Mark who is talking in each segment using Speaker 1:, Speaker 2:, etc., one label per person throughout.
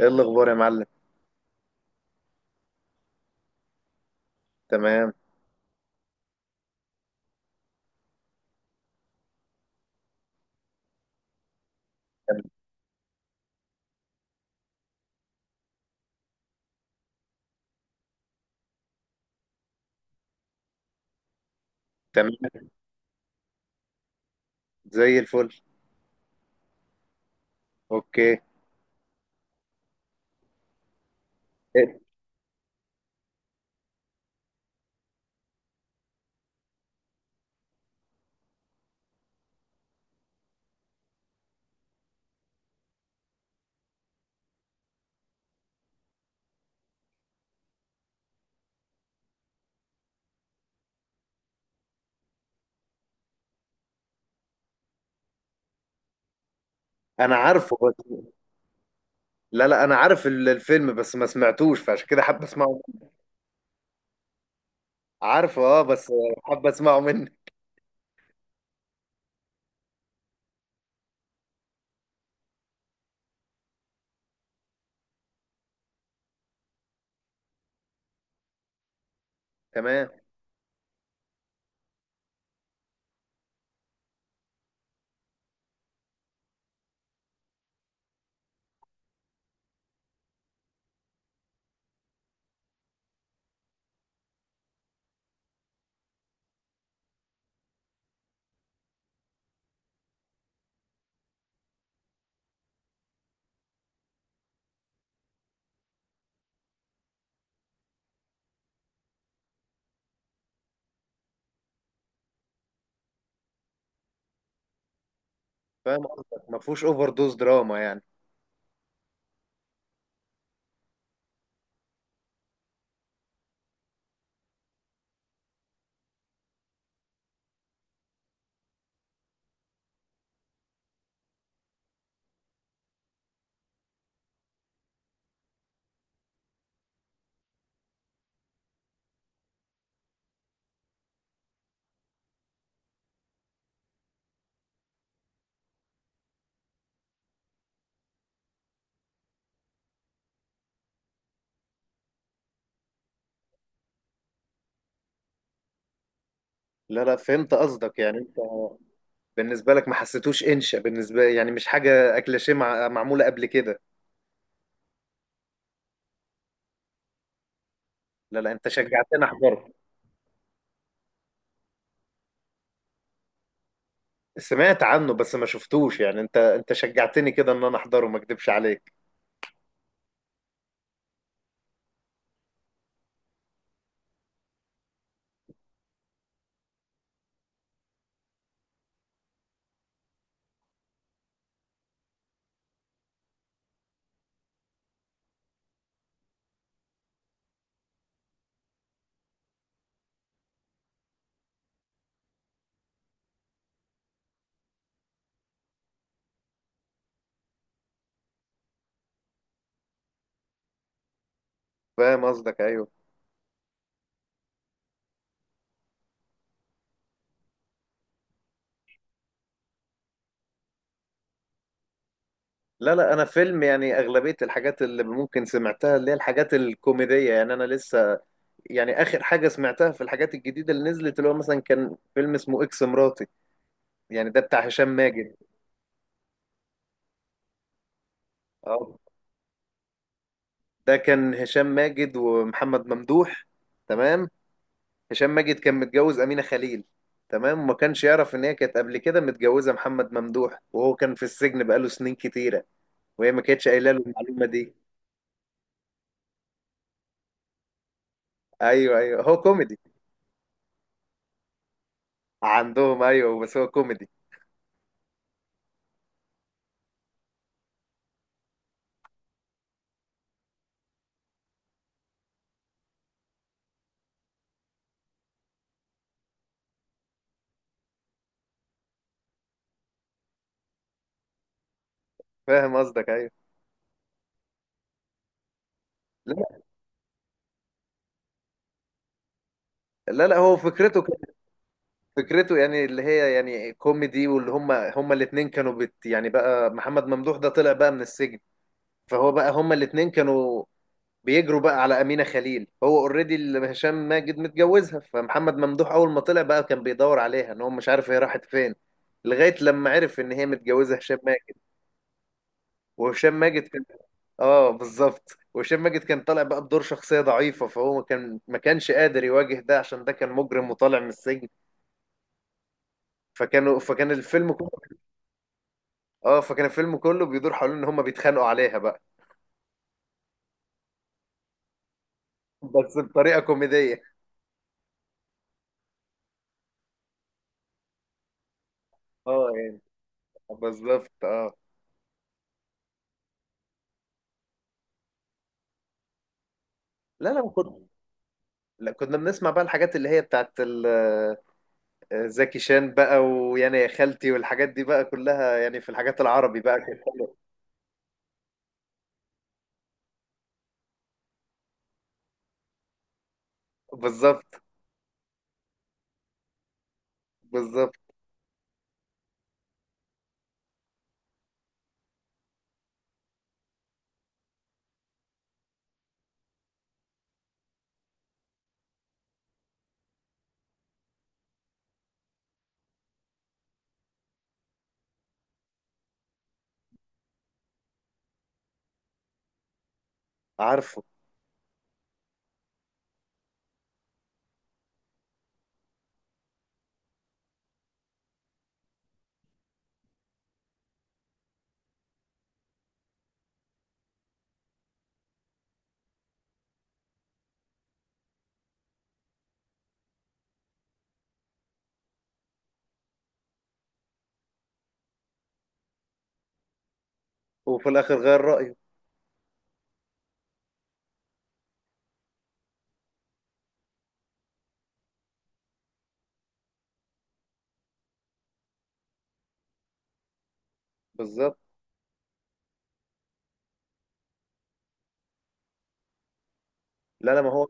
Speaker 1: ايه الاخبار يا معلم؟ تمام تمام، زي الفل. اوكي. إيه؟ انا عارفه بس لا، انا عارف الفيلم بس ما سمعتوش فعشان كده حابب اسمعه. عارفه اه بس حابب اسمعه منك. تمام. فاهم قصدك، ما فيهوش اوفر دوز دراما يعني. لا، فهمت قصدك، يعني انت بالنسبه لك ما حسيتوش انشا بالنسبه، يعني مش حاجه اكليشيه معموله قبل كده. لا، انت شجعتني احضره. سمعت عنه بس ما شفتوش، يعني انت شجعتني كده ان انا احضره، ما اكدبش عليك. فاهم قصدك ايوه. لا، انا فيلم، يعني اغلبيه الحاجات اللي ممكن سمعتها اللي هي الحاجات الكوميديه، يعني انا لسه يعني اخر حاجه سمعتها في الحاجات الجديده اللي نزلت اللي هو مثلا كان فيلم اسمه اكس مراتي، يعني ده بتاع هشام ماجد. اه، ده كان هشام ماجد ومحمد ممدوح. تمام. هشام ماجد كان متجوز امينه خليل. تمام، وما كانش يعرف ان هي كانت قبل كده متجوزه محمد ممدوح، وهو كان في السجن بقاله سنين كتيره، وهي ما كانتش قايله له المعلومه دي. ايوه ايوه، هو كوميدي. عندهم ايوه، بس هو كوميدي. فاهم قصدك ايوه. لا، لا، هو فكرته كانت، فكرته يعني اللي هي يعني كوميدي، واللي هم الاثنين كانوا بت يعني، بقى محمد ممدوح ده طلع بقى من السجن، فهو بقى هم الاثنين كانوا بيجروا بقى على أمينة خليل، هو اوريدي اللي هشام ماجد متجوزها، فمحمد ممدوح اول ما طلع بقى كان بيدور عليها ان هو مش عارف هي راحت فين، لغاية لما عرف ان هي متجوزة هشام ماجد. وهشام ماجد كان، اه بالظبط، وهشام ماجد كان طالع بقى بدور شخصية ضعيفة، فهو ما كانش قادر يواجه ده عشان ده كان مجرم وطالع من السجن. فكان الفيلم كله، اه فكان الفيلم كله بيدور حوالين ان هم بيتخانقوا عليها بقى، بس بطريقة كوميدية. اه يعني، بالظبط اه. لا، لا كنا بنسمع بقى الحاجات اللي هي زكي شان بقى، ويعني يا خالتي والحاجات دي بقى كلها، يعني في الحاجات العربي بقى كانت حلوة. بالظبط. بالظبط. عارفه. وفي الاخر غير رأيه. بالظبط. لا لا، ما هو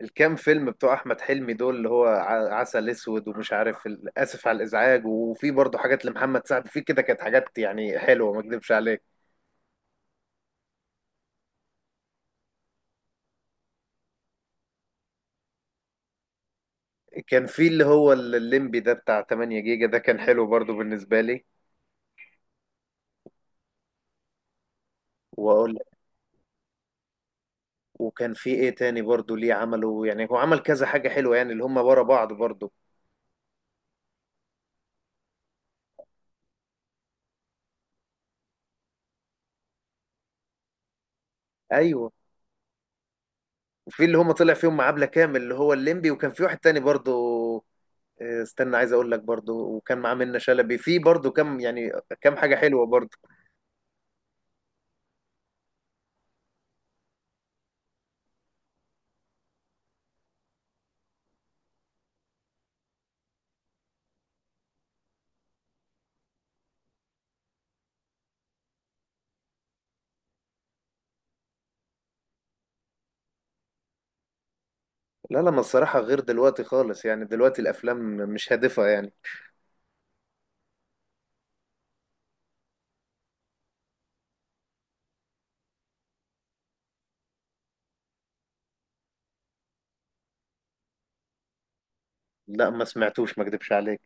Speaker 1: الكام فيلم بتوع احمد حلمي دول اللي هو عسل اسود ومش عارف اسف على الازعاج، وفي برضه حاجات لمحمد سعد في كده، كانت حاجات يعني حلوه ما اكذبش عليك. كان في اللي هو الليمبي ده بتاع 8 جيجا، ده كان حلو برضه بالنسبه لي. واقول لك، وكان في ايه تاني برضه ليه عمله، يعني هو عمل كذا حاجه حلوه يعني اللي هم ورا بعض برضه. ايوه، وفي اللي هم طلع فيهم مع عبلة كامل اللي هو الليمبي، وكان في واحد تاني برضو، استنى عايز اقول لك، برضو وكان معاه منة شلبي في برضو كم يعني، كم حاجة حلوة برضو. لا لا، ما الصراحة غير دلوقتي خالص، يعني دلوقتي الافلام مش هادفة يعني. لا، ما سمعتوش ما اكدبش عليك.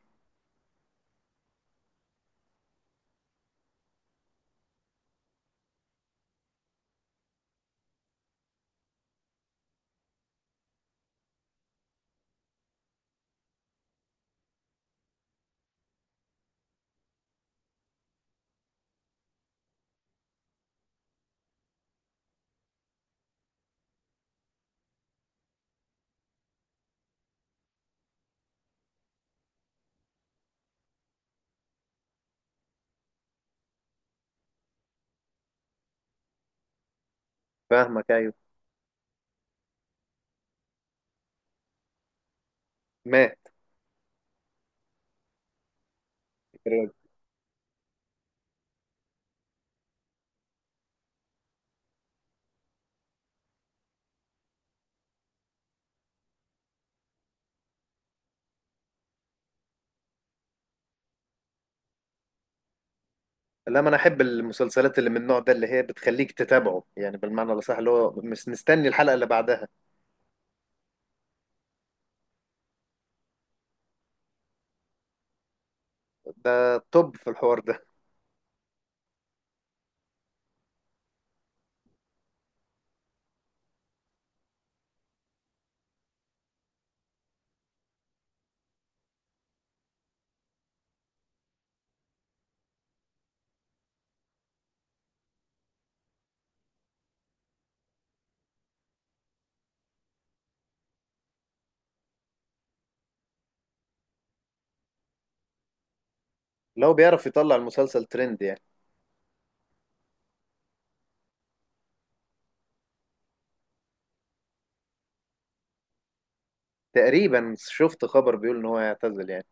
Speaker 1: فاهمك ايوه. مات. لا، ما انا احب المسلسلات اللي من النوع ده اللي هي بتخليك تتابعه، يعني بالمعنى الاصح اللي هو مش مستني الحلقة اللي بعدها. ده توب في الحوار ده. لو بيعرف يطلع المسلسل ترند يعني. تقريبا شفت خبر بيقول ان هو هيعتزل يعني.